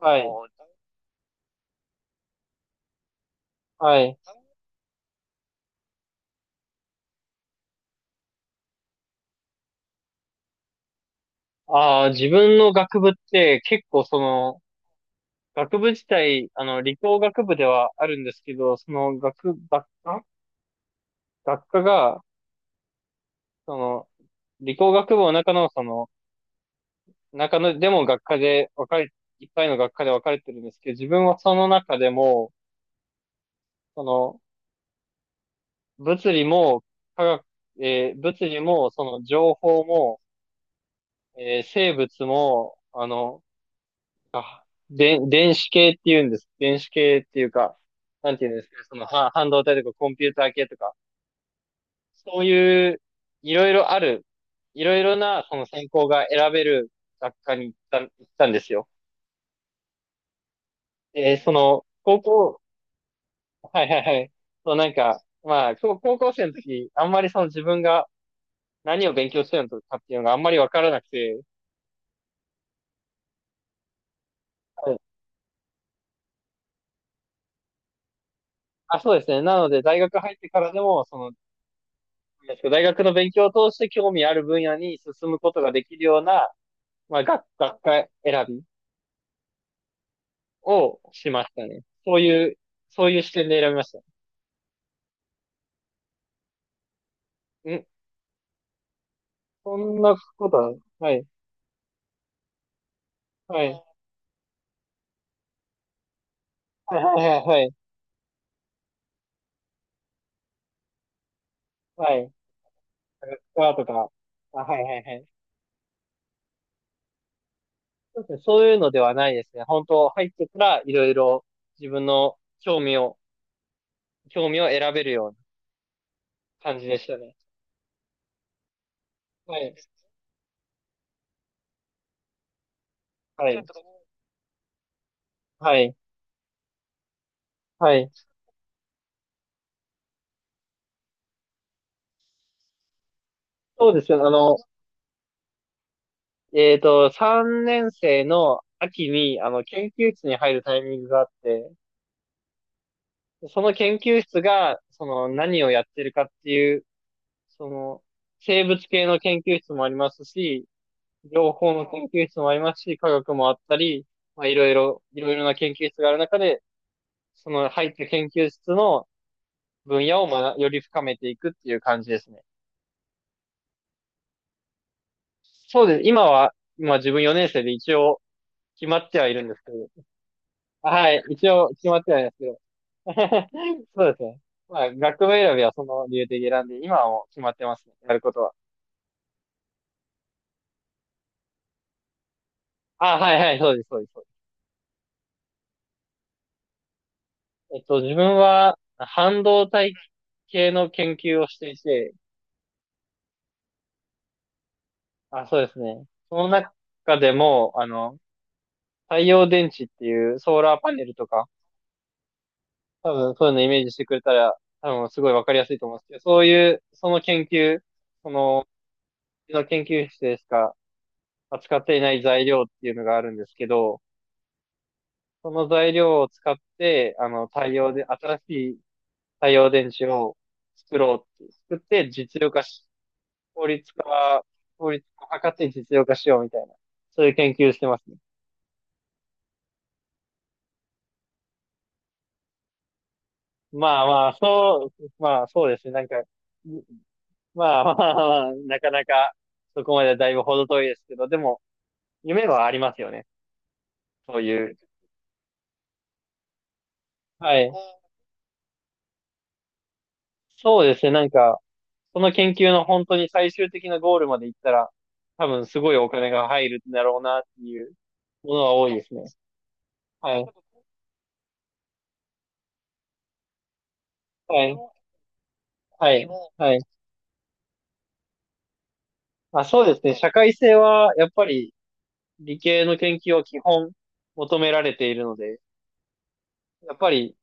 はい。はい。ああ、自分の学部って結構その、学部自体、理工学部ではあるんですけど、その学科学科が、その、理工学部の中の、その、中の、でも学科で分かれ、いっぱいの学科で分かれてるんですけど、自分はその中でも、その、物理も、科学、物理も、その、情報も、生物も、あ、で、電子系っていうんです。電子系っていうか、なんていうんですかね、その、は、半導体とかコンピューター系とか、そういう、いろいろある、いろいろな、その専攻が選べる学科に行ったんですよ。で、その、高校、はいはいはい。そう、なんか、まあ、高校生の時、あんまりその自分が何を勉強してるのかっていうのがあんまりわからなくて、はい、あ、そうですね。なので、大学入ってからでも、その大学の勉強を通して興味ある分野に進むことができるような、まあ、学科選びをしましたね。そういう視点で選びました。ん、そんなことは、はい、はい、はい、はい、はい、はい、学科とか、あ、はい、はい、はい。そうですね、そういうのではないですね。本当、入ってからいろいろ自分の興味を、興味を選べるような感じでしたね。はい、はい、はい、はい。そうですね、3年生の秋に、研究室に入るタイミングがあって、その研究室が、その、何をやってるかっていう、その、生物系の研究室もありますし、情報の研究室もありますし、科学もあったり、まあ、いろいろな研究室がある中で、その入った研究室の分野をまより深めていくっていう感じですね。そうです。今自分4年生で一応決まってはいるんですけど、はい、一応決まってはいるんですけど、そうですね。まあ、学部選びはその理由的に選んで、今はもう決まってますね。やることは。あ、はいはい、そうです、そうです、そうです。えっと、自分は半導体系の研究をしていて、あ、そうですね。その中でも、太陽電池っていうソーラーパネルとか、多分そういうのイメージしてくれたら、多分すごいわかりやすいと思うんですけど、そういう、その研究、その、うちの研究室でしか扱っていない材料っていうのがあるんですけど、その材料を使って、太陽で、新しい太陽電池を作って実用化し、効率化効率化を図って実用化しようみたいな、そういう研究してますね。まあまあ、そう、まあそうですね。まあまあまあ、なかなかそこまでだいぶ程遠いですけど、でも、夢はありますよね。そういう。はい。そうですね。なんか、その研究の本当に最終的なゴールまで行ったら、多分すごいお金が入るんだろうなっていうものは多いですね。はい。はい。はい。はい。あ、そうですね。社会性は、やっぱり理系の研究は基本求められているので、やっぱり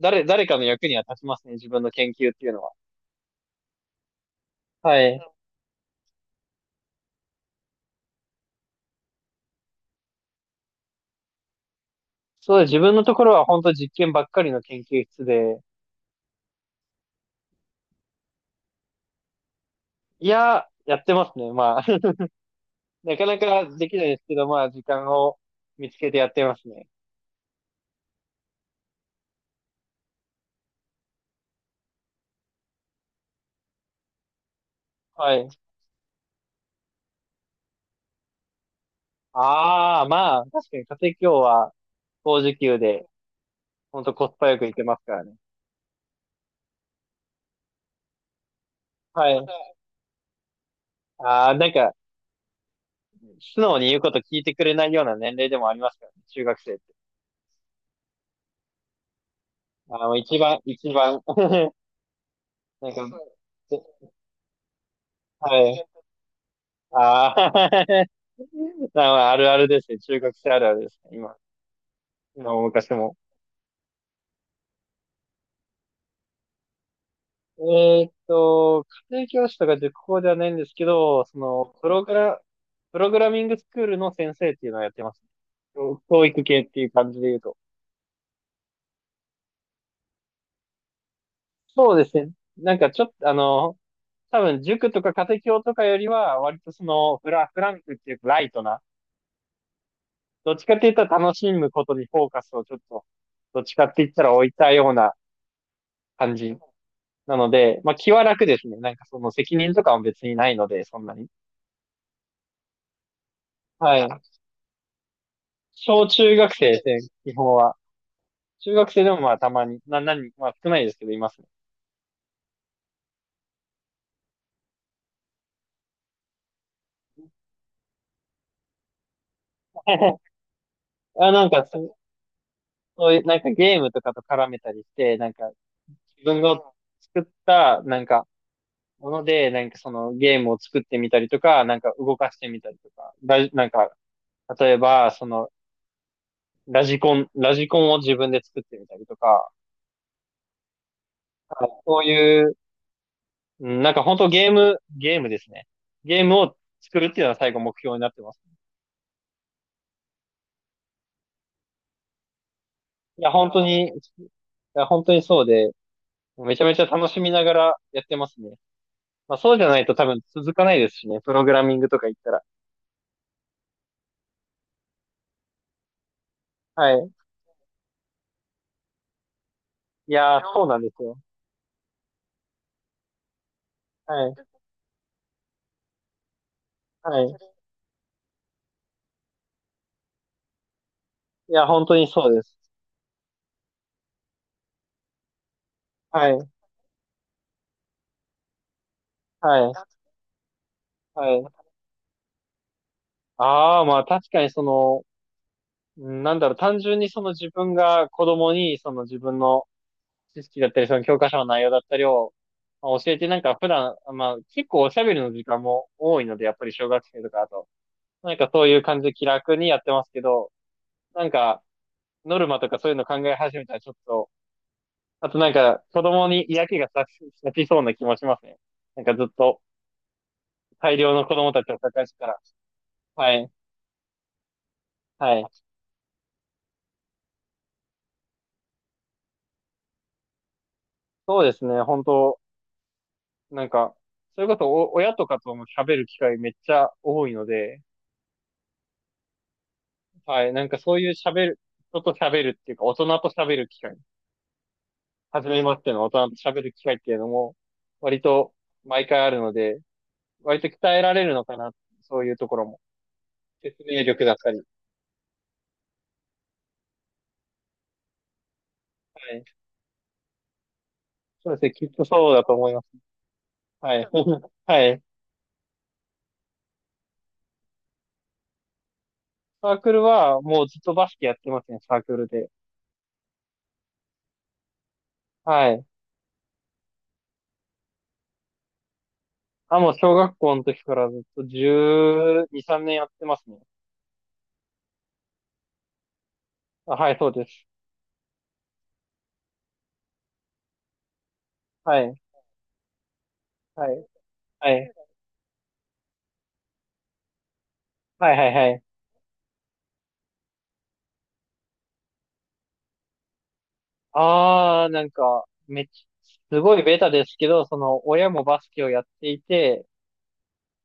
誰かの役には立ちますね。自分の研究っていうのは。はい。そうです。自分のところは本当実験ばっかりの研究室で、いや、やってますね。まあなかなかできないですけど、まあ、時間を見つけてやってますね。はい。ああ、まあ、確かに家庭教は高時給で、ほんとコスパよくいけますからね。はい。ああ、なんか、素直に言うこと聞いてくれないような年齢でもありますからね、中学生って。一番、なんか、ではい。ああ、まああるあるですね。中学生あるあるですね。今、今も昔も。えーっと、家庭教師とか塾講ではないんですけど、その、プログラミングスクールの先生っていうのをやってます。教育系っていう感じで言うと。そうですね。なんかちょっと、多分塾とか家庭教とかよりは、割とその、フランクっていうかライトな、どっちかって言ったら楽しむことにフォーカスをちょっと、どっちかって言ったら置いたような感じなので、まあ気は楽ですね。なんかその責任とかも別にないので、そんなに。はい。小中学生ですね、基本は。中学生でもまあたまに、まあ少ないですけど、いますね。あ、そういう、なんかゲームとかと絡めたりして、なんか自分が作った、なんか、もので、なんかそのゲームを作ってみたりとか、なんか動かしてみたりとか、ラジ、なんか、例えば、その、ラジコンを自分で作ってみたりとか、そういう、うんなんか本当ゲームですね。ゲームを作るっていうのは最後目標になってます。いや、本当に、いや、本当にそうで、めちゃめちゃ楽しみながらやってますね。まあ、そうじゃないと多分続かないですしね。プログラミングとか言ったら。はい。いやー、そうなんですよ。はい。はい。いや、本当にそうです。はい。はい。はい。ああ、まあ確かにその、うんなんだろう、単純にその自分が子供にその自分の知識だったり、その教科書の内容だったりを、まあ、教えてなんか普段、まあ結構おしゃべりの時間も多いので、やっぱり小学生とかだと。なんかそういう感じで気楽にやってますけど、なんか、ノルマとかそういうの考え始めたらちょっと、あとなんか、子供に嫌気がさし、さしそうな気もしますね。なんかずっと、大量の子供たちを抱えてたら。はい。はい。そうですね。本当なんか、それこそ親とかとも喋る機会めっちゃ多いので、はい。なんかそういう人と喋るっていうか、大人と喋る機会、初めましての大人と喋る機会っていうのも、割と毎回あるので、割と鍛えられるのかな。そういうところも。説明力だったり。はい。そうですね。きっとそうだと思います。はい。はい。サークルはもうずっとバスケやってますね、サークルで。はい。あ、もう小学校の時からずっと12、3年やってますね。あ、はい、そうです。はい。はい。はい。はいはいはい。あー、なんか、めっちゃ、すごいベタですけど、その、親もバスケをやっていて、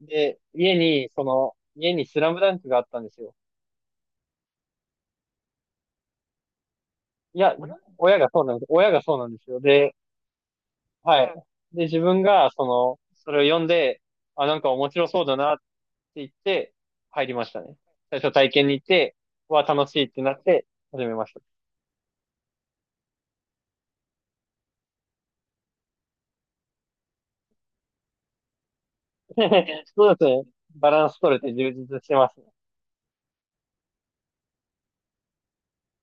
で、家にスラムダンクがあったんですよ。いや、親がそうなんです。親がそうなんですよ。で、はい。で、自分が、その、それを読んで、あ、なんか面白そうだなって言って、入りましたね。最初体験に行って、わ、楽しいってなって、始めました。そうですね。バランス取れて充実してますね